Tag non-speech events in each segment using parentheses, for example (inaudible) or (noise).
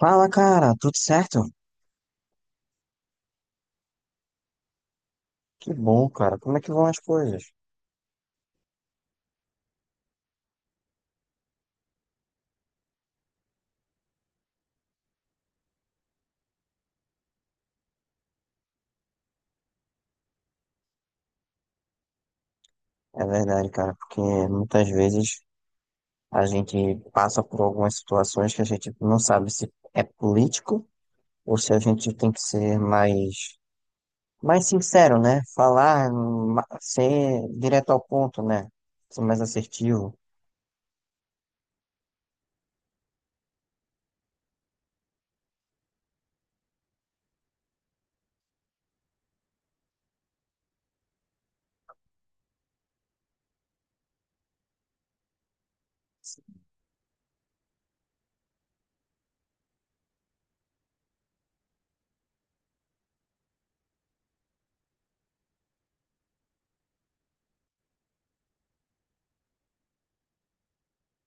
Fala, cara, tudo certo? Que bom, cara. Como é que vão as coisas? É verdade, cara, porque muitas vezes a gente passa por algumas situações que a gente não sabe se é político ou se a gente tem que ser mais sincero, né? Falar, ser direto ao ponto, né? Ser mais assertivo.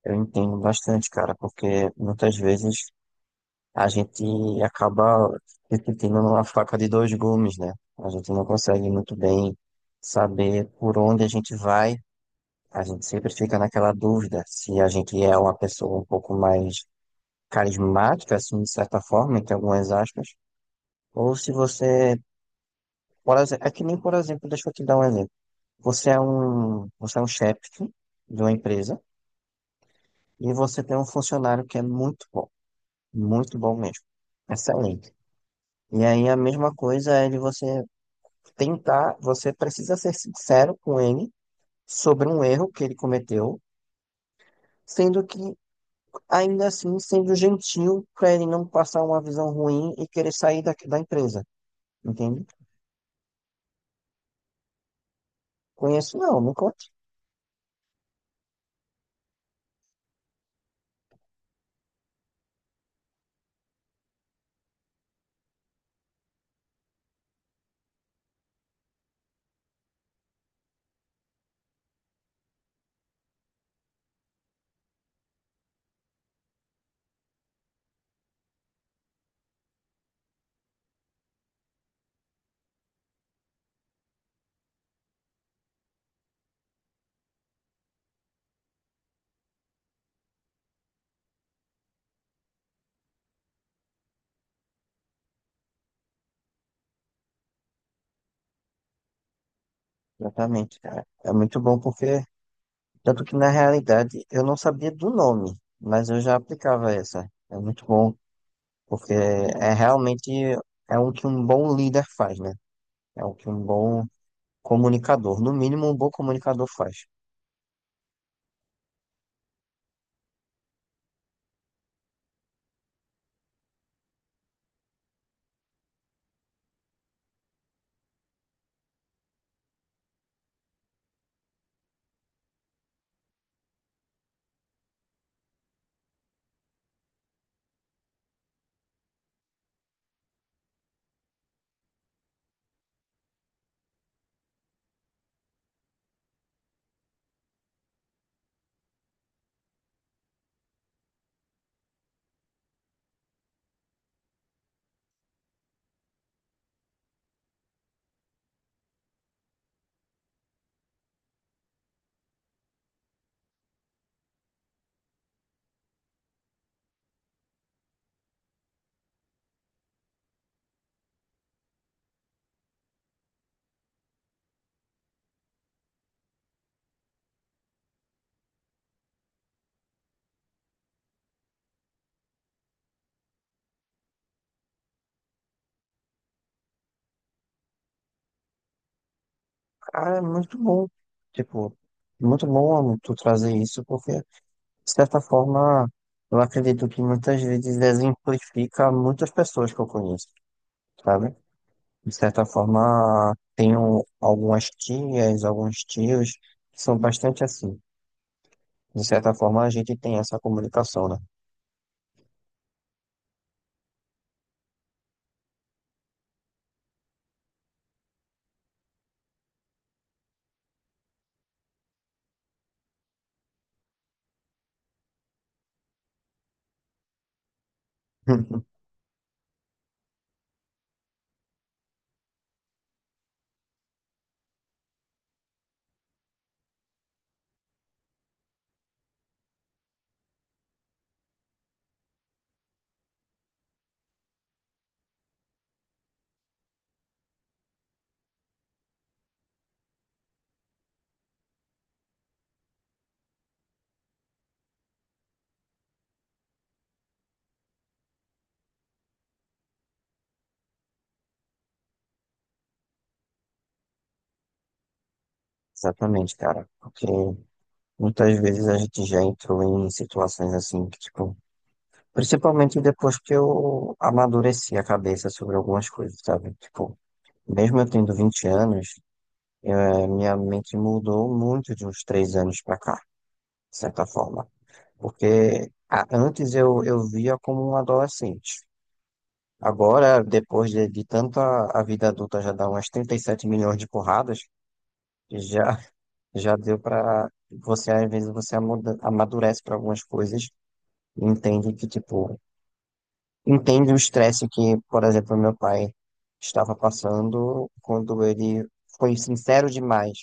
Eu entendo bastante, cara, porque muitas vezes a gente acaba repetindo uma faca de dois gumes, né? A gente não consegue muito bem saber por onde a gente vai. A gente sempre fica naquela dúvida se a gente é uma pessoa um pouco mais carismática, assim, de certa forma, entre algumas aspas, ou se você, por exemplo, é que nem, por exemplo, deixa eu te dar um exemplo. Você é um chefe de uma empresa e você tem um funcionário que é muito bom mesmo, excelente. E aí a mesma coisa é de você tentar, você precisa ser sincero com ele sobre um erro que ele cometeu, sendo que, ainda assim, sendo gentil para ele não passar uma visão ruim e querer sair da empresa, entende? Conheço, não, não conte. Exatamente, cara. É muito bom porque, tanto que na realidade eu não sabia do nome, mas eu já aplicava essa. É muito bom porque é realmente é o que um bom líder faz, né? É o que um bom comunicador, no mínimo um bom comunicador faz. Ah, é muito bom. Tipo, muito bom tu trazer isso, porque, de certa forma, eu acredito que muitas vezes exemplifica muitas pessoas que eu conheço, sabe? De certa forma, tenho algumas tias, alguns tios que são bastante assim. De certa forma, a gente tem essa comunicação, né? (laughs) Exatamente, cara. Porque muitas vezes a gente já entrou em situações assim que, tipo, principalmente depois que eu amadureci a cabeça sobre algumas coisas, sabe? Tipo, mesmo eu tendo 20 anos, minha mente mudou muito de uns 3 anos pra cá, de certa forma. Porque antes eu via como um adolescente. Agora, depois de tanta a vida adulta já dá umas 37 milhões de porradas, já, já deu pra você, às vezes, você amadurece pra algumas coisas e entende que, tipo, entende o estresse que, por exemplo, meu pai estava passando quando ele foi sincero demais,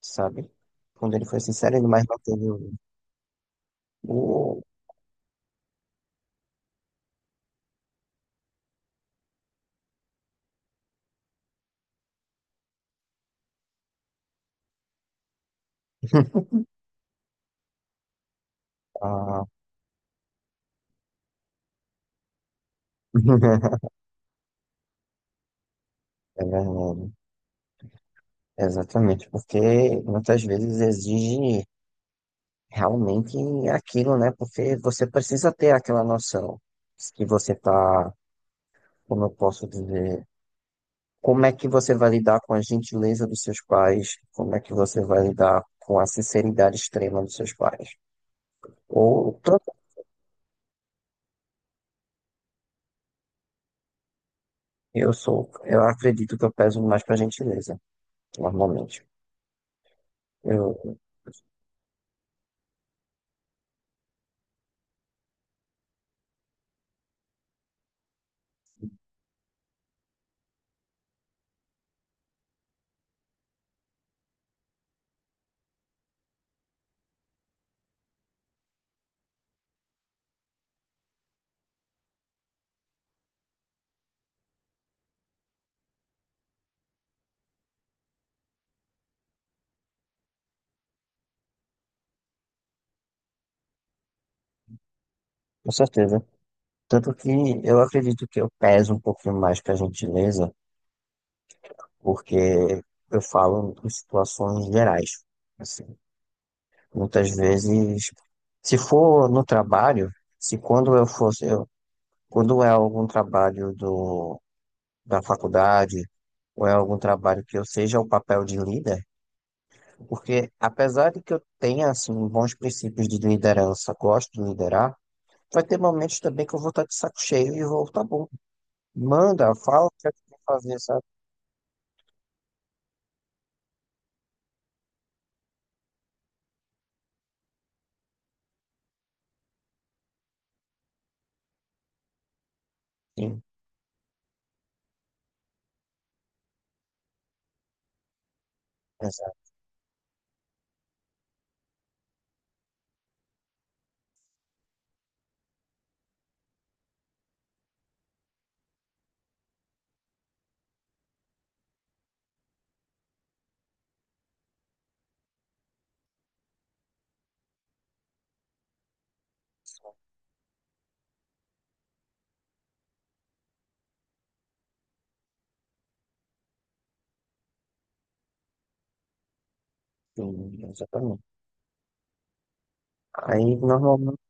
sabe? Quando ele foi sincero demais, não teve o- a- (laughs) É verdade. Exatamente, porque muitas vezes exige realmente aquilo, né? Porque você precisa ter aquela noção que você tá, como eu posso dizer, como é que você vai lidar com a gentileza dos seus pais? Como é que você vai lidar com a sinceridade extrema dos seus pais? Ou tanto eu sou, eu acredito que eu peso mais para gentileza, normalmente. Eu, com certeza. Tanto que eu acredito que eu peso um pouquinho mais para gentileza, porque eu falo em situações gerais. Assim, muitas vezes, se for no trabalho, se quando quando é algum trabalho do da faculdade, ou é algum trabalho que eu seja o papel de líder, porque apesar de que eu tenha assim bons princípios de liderança, gosto de liderar, vai ter momentos também que eu vou estar de saco cheio e vou, tá bom, manda, fala o que é que tem que fazer, sabe? Sim, exato, sim, exatamente. Aí normalmente,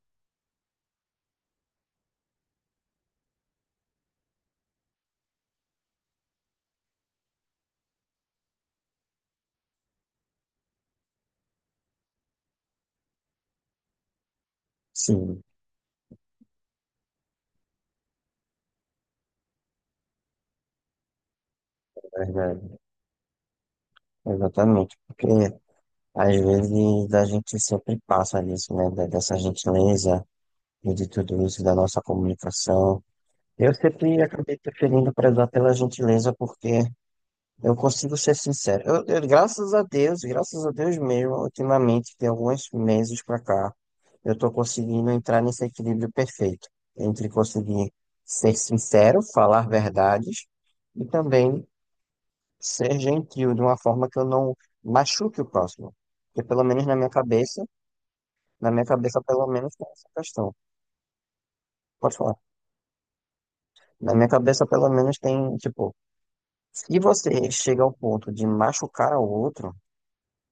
sim, é verdade, exatamente, porque às vezes a gente sempre passa nisso, né, dessa gentileza e de tudo isso, da nossa comunicação. Eu sempre acabei preferindo prezar pela gentileza porque eu consigo ser sincero. Graças a Deus mesmo, ultimamente, tem alguns meses pra cá, eu tô conseguindo entrar nesse equilíbrio perfeito entre conseguir ser sincero, falar verdades e também ser gentil de uma forma que eu não machuque o próximo. Porque pelo menos na minha cabeça pelo menos tem essa questão. Pode falar. Na minha cabeça pelo menos tem, tipo, se você chega ao ponto de machucar o outro,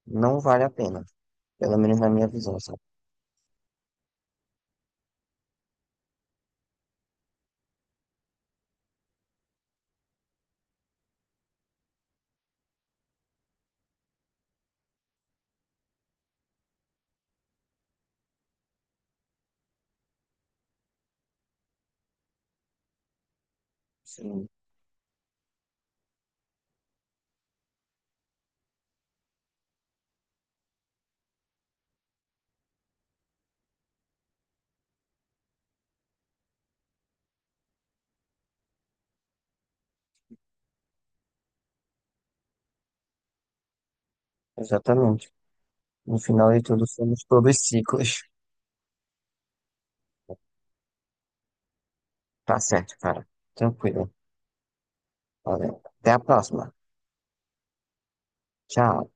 não vale a pena. Pelo menos na minha visão, sabe? Sim, exatamente. No final de tudo, somos todos ciclos. Tá certo, cara. Tranquilo. Valeu. Até a próxima. Tchau.